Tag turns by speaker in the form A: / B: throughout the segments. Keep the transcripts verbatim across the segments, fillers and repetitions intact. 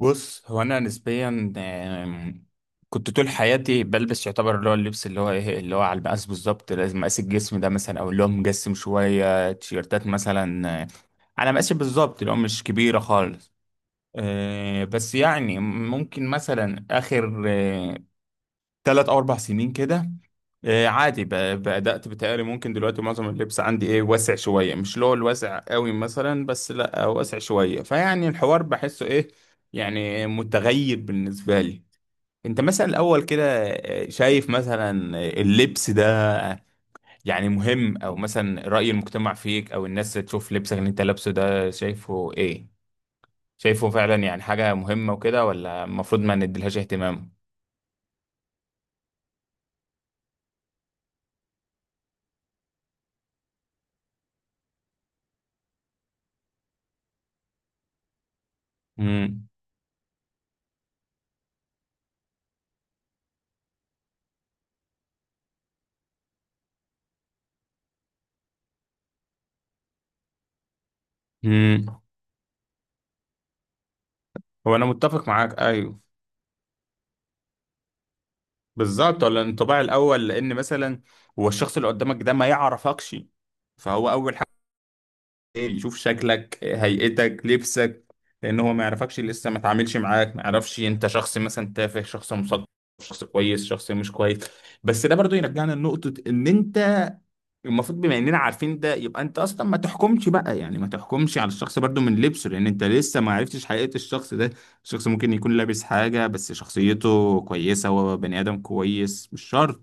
A: بص، هو انا نسبيا آم، كنت طول حياتي بلبس يعتبر اللي هو اللبس اللي هو ايه اللي هو على المقاس بالظبط. لازم اقاس الجسم ده مثلا، او اللي هو مجسم شويه تيشيرتات مثلا آه، على مقاسي بالظبط، اللي هو مش كبيره خالص. آه، بس يعني ممكن مثلا اخر ثلاث او اربع سنين كده آه، عادي ب- بدأت بتهيألي ممكن دلوقتي معظم اللبس عندي ايه واسع شوية، مش اللي هو الواسع قوي مثلا، بس لا واسع شوية. فيعني الحوار بحسه ايه، يعني متغير بالنسبة لي. انت مثلا الاول كده آه، شايف مثلا اللبس ده يعني مهم، او مثلا رأي المجتمع فيك، او الناس تشوف لبسك اللي انت لابسه ده شايفه ايه؟ شايفه فعلا يعني حاجة مهمة وكده، ولا المفروض ما نديلهاش اهتمام؟ امم. هو انا متفق معاك، ايوه، بالظبط. ولا الانطباع الاول؟ لان مثلا هو الشخص اللي قدامك ده ما يعرفكش، فهو اول يشوف شكلك، هيئتك، لبسك، لان هو ما يعرفكش لسه، ما تعاملش معاك، ما يعرفش انت شخص مثلا تافه، شخص مثقف، شخص كويس، شخص مش كويس. بس ده برضو يرجعنا لنقطة ان انت المفروض، بما اننا عارفين ده، يبقى انت اصلا ما تحكمش بقى، يعني ما تحكمش على الشخص برضو من لبسه، لان انت لسه ما عرفتش حقيقة الشخص ده. الشخص ممكن يكون لابس حاجة بس شخصيته كويسة، هو بني ادم كويس، مش شرط.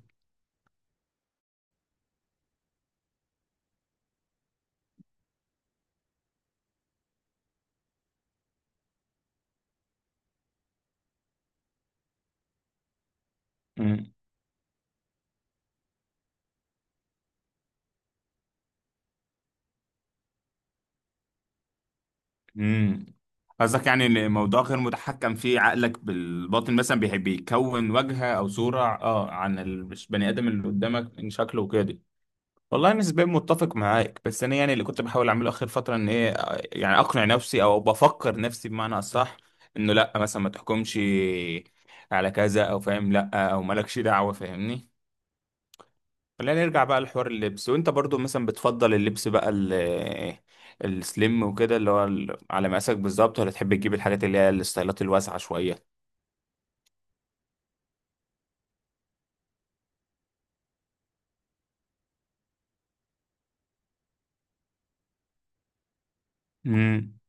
A: امم. قصدك يعني ان الموضوع غير متحكم فيه، عقلك بالباطن مثلا بيحب يكون وجهه او صوره اه عن البني ادم اللي قدامك من شكله وكده. والله نسبيا متفق معاك، بس انا يعني اللي كنت بحاول اعمله اخر فتره ان ايه، يعني اقنع نفسي او بفكر نفسي بمعنى اصح، انه لا مثلا ما تحكمش على كذا، او فاهم، لا، او مالكش دعوه، فاهمني. خلينا نرجع بقى لحوار اللبس. وانت برضو مثلا بتفضل اللبس بقى ال- السليم وكده اللي هو ال- على مقاسك بالظبط، ولا تحب تجيب الحاجات اللي هي الستايلات الواسعة شوية؟ امم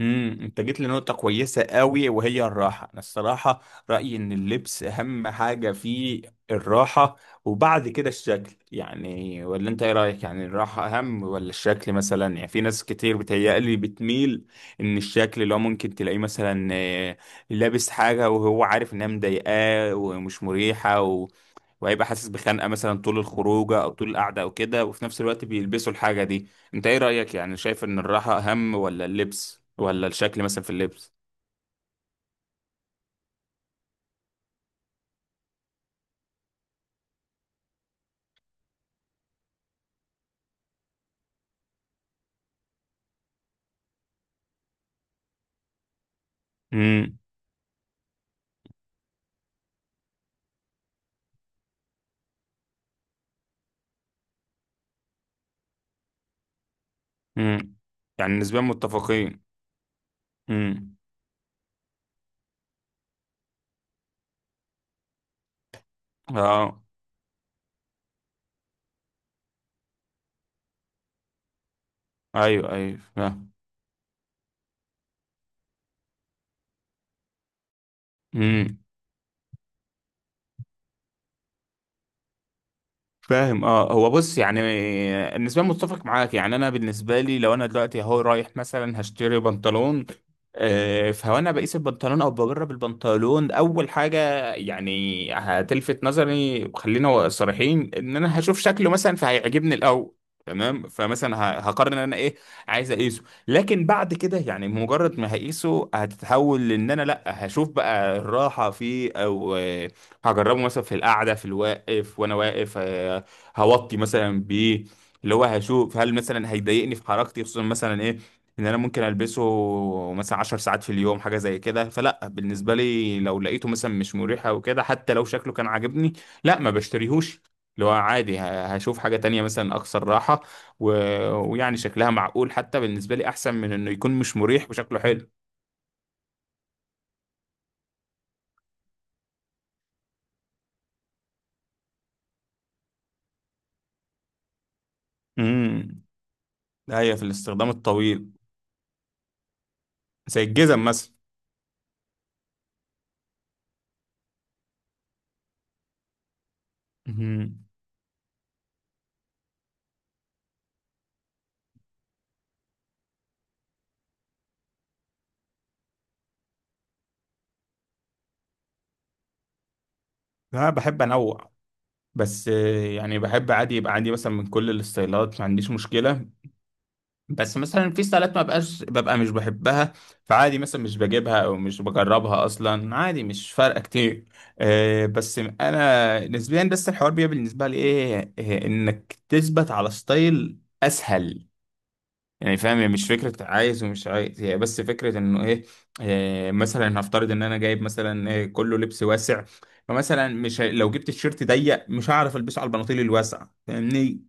A: امم. انت جيت لنقطة كويسة قوي، وهي الراحة. انا الصراحة رأيي ان اللبس اهم حاجة فيه الراحة، وبعد كده الشكل، يعني. ولا انت ايه رأيك، يعني الراحة اهم ولا الشكل مثلا؟ يعني في ناس كتير بتهيألي بتميل ان الشكل اللي هو ممكن تلاقيه مثلا آه، لابس حاجة وهو عارف انها مضايقاه ومش مريحة، وهيبقى حاسس بخنقه مثلا طول الخروجه او طول القعده او كده، وفي نفس الوقت بيلبسوا الحاجه دي. انت ايه رايك، يعني شايف ان الراحه اهم ولا اللبس ولا الشكل مثلا في اللبس؟ امم امم، يعني نسبيا متفقين. امم، اه، ايوه ايوه فاهم. فاهم اه. هو بص يعني بالنسبه لي متفق معاك. يعني انا بالنسبه لي لو انا دلوقتي اهو رايح مثلا هشتري بنطلون، آه، فهو انا بقيس البنطلون او بجرب البنطلون اول حاجه. يعني هتلفت نظري، وخلينا صريحين، ان انا هشوف شكله مثلا فهيعجبني الاول، تمام. فمثلا ه- هقرر ان انا ايه عايز اقيسه. لكن بعد كده يعني مجرد ما هقيسه هتتحول، لان انا لا هشوف بقى الراحه فيه، او آه، هجربه مثلا في القعده، في الواقف وانا واقف، آه، هوطي مثلا بايه. اللي هو هشوف هل مثلا هيضايقني في حركتي، خصوصا مثلا ايه ان انا ممكن البسه مثلا 10 ساعات في اليوم حاجه زي كده. فلا بالنسبه لي لو لقيته مثلا مش مريح او كده، حتى لو شكله كان عاجبني، لا، ما بشتريهوش. اللي هو عادي ه- هشوف حاجه تانية مثلا اكثر راحه و... ويعني شكلها معقول حتى، بالنسبه لي احسن من انه يكون مش مريح وشكله حلو. امم. ده هي في الاستخدام الطويل، زي الجزم مثلا. امم، انا بحب انوع، بس آه، يعني بحب عادي يبقى عندي مثلا من كل الستايلات، ما عنديش مشكلة. بس مثلا في ستايلات ما بقاش ببقى مش بحبها، فعادي مثلا مش بجيبها او مش بجربها اصلا، عادي مش فارقة كتير. آه، بس انا نسبيا، بس الحوار بيبقى بالنسبة لي ايه آه، انك تثبت على ستايل اسهل. يعني فاهم، هي مش فكرة عايز ومش عايز، هي بس فكرة انه ايه. آه، مثلا هفترض ان انا جايب مثلا آه، كله لبس واسع، فمثلا مش هي- لو جبت الشيرت ضيق مش هعرف البسه على البناطيل الواسعة فاهمني.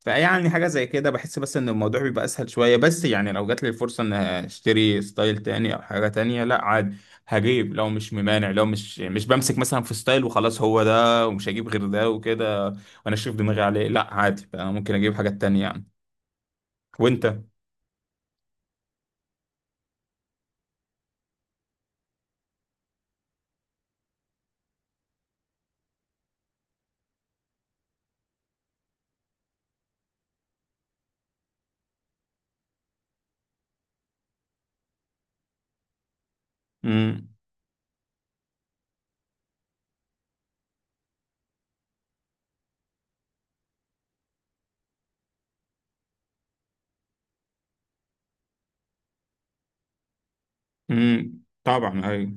A: فيعني حاجة زي كده بحس بس ان الموضوع بيبقى اسهل شوية. بس يعني لو جات لي الفرصة ان اشتري ستايل تاني او حاجة تانية، لا عادي هجيب، لو مش ممانع، لو مش مش بمسك مثلا في ستايل وخلاص هو ده ومش هجيب غير ده وكده، وانا شايف دماغي عليه، لا عادي بقى ممكن اجيب حاجات تانية يعني. وانت؟ مم. امم طبعا ايوه.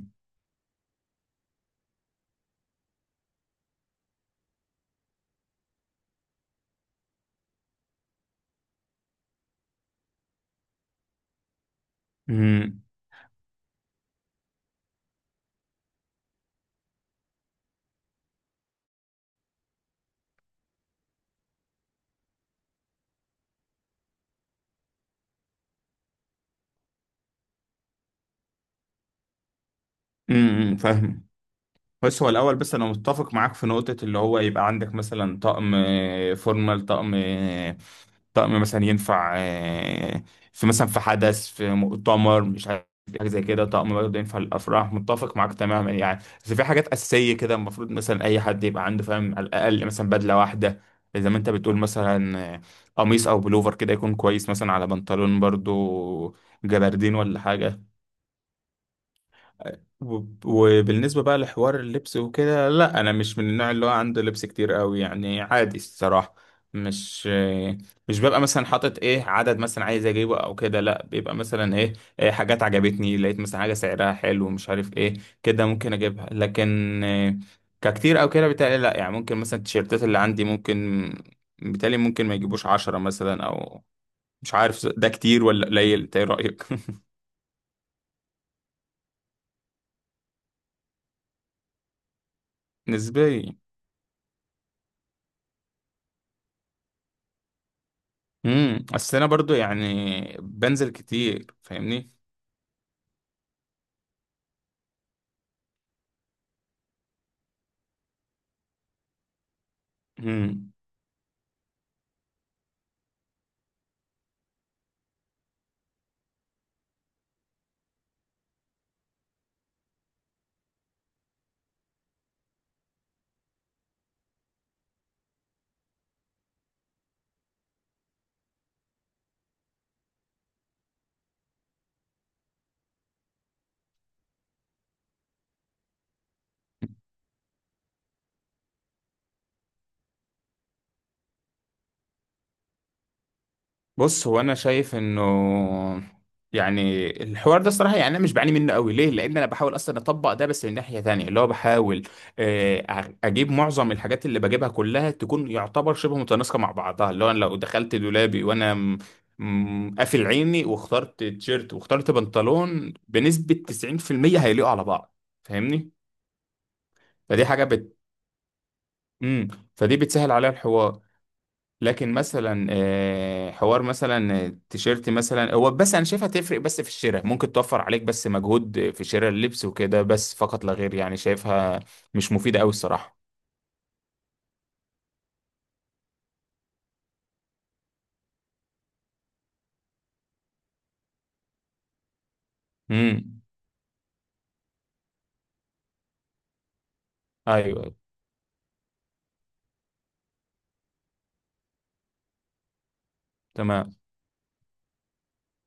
A: امم امم فاهم. بس هو الاول، بس انا متفق معاك في نقطه اللي هو يبقى عندك مثلا طقم آه، فورمال، طقم آه، طقم مثلا ينفع آه، في مثلا في حدث، في مؤتمر، مش عارف حاجه زي كده، طقم برضه ينفع للافراح. متفق معاك تماما يعني. بس في حاجات اساسيه كده المفروض مثلا اي حد يبقى عنده، فاهم، على الاقل مثلا بدله واحده زي ما انت بتقول. مثلا آه، قميص او بلوفر كده يكون كويس مثلا، على بنطلون برضه جبردين ولا حاجه. وب- وبالنسبة بقى لحوار اللبس وكده، لا أنا مش من النوع اللي هو عنده لبس كتير قوي، يعني عادي الصراحة. مش مش ببقى مثلا حاطط ايه عدد مثلا عايز اجيبه او كده، لا بيبقى مثلا ايه, إيه حاجات عجبتني، لقيت مثلا حاجة سعرها حلو مش عارف ايه كده ممكن اجيبها. لكن إيه ككتير او كده بتهيألي لا، يعني ممكن مثلا التيشيرتات اللي عندي ممكن بتهيألي ممكن ما يجيبوش عشرة مثلا، او مش عارف ده كتير ولا قليل. إنت ايه رأيك؟ نسبيا. امم، اصل انا برضو يعني بنزل كتير فاهمني. امم. بص هو انا شايف انه يعني الحوار ده الصراحه، يعني انا مش بعاني منه قوي ليه، لان انا بحاول اصلا اطبق ده. بس من ناحيه تانية اللي هو بحاول آه، أ- اجيب معظم الحاجات اللي بجيبها كلها تكون يعتبر شبه متناسقه مع بعضها، اللي هو انا لو دخلت دولابي وانا م- م- قافل عيني واخترت تيشيرت واخترت بنطلون بنسبه تسعين في المية هيليقوا على بعض فاهمني. فدي حاجه بت... امم. فدي بتسهل عليا الحوار. لكن مثلا آه، حوار مثلا آه، تيشيرت مثلا، هو بس انا شايفها تفرق بس في الشراء، ممكن توفر عليك بس مجهود في شراء اللبس وكده بس فقط لا غير. يعني شايفها مش مفيدة قوي الصراحة. امم ايوه تمام.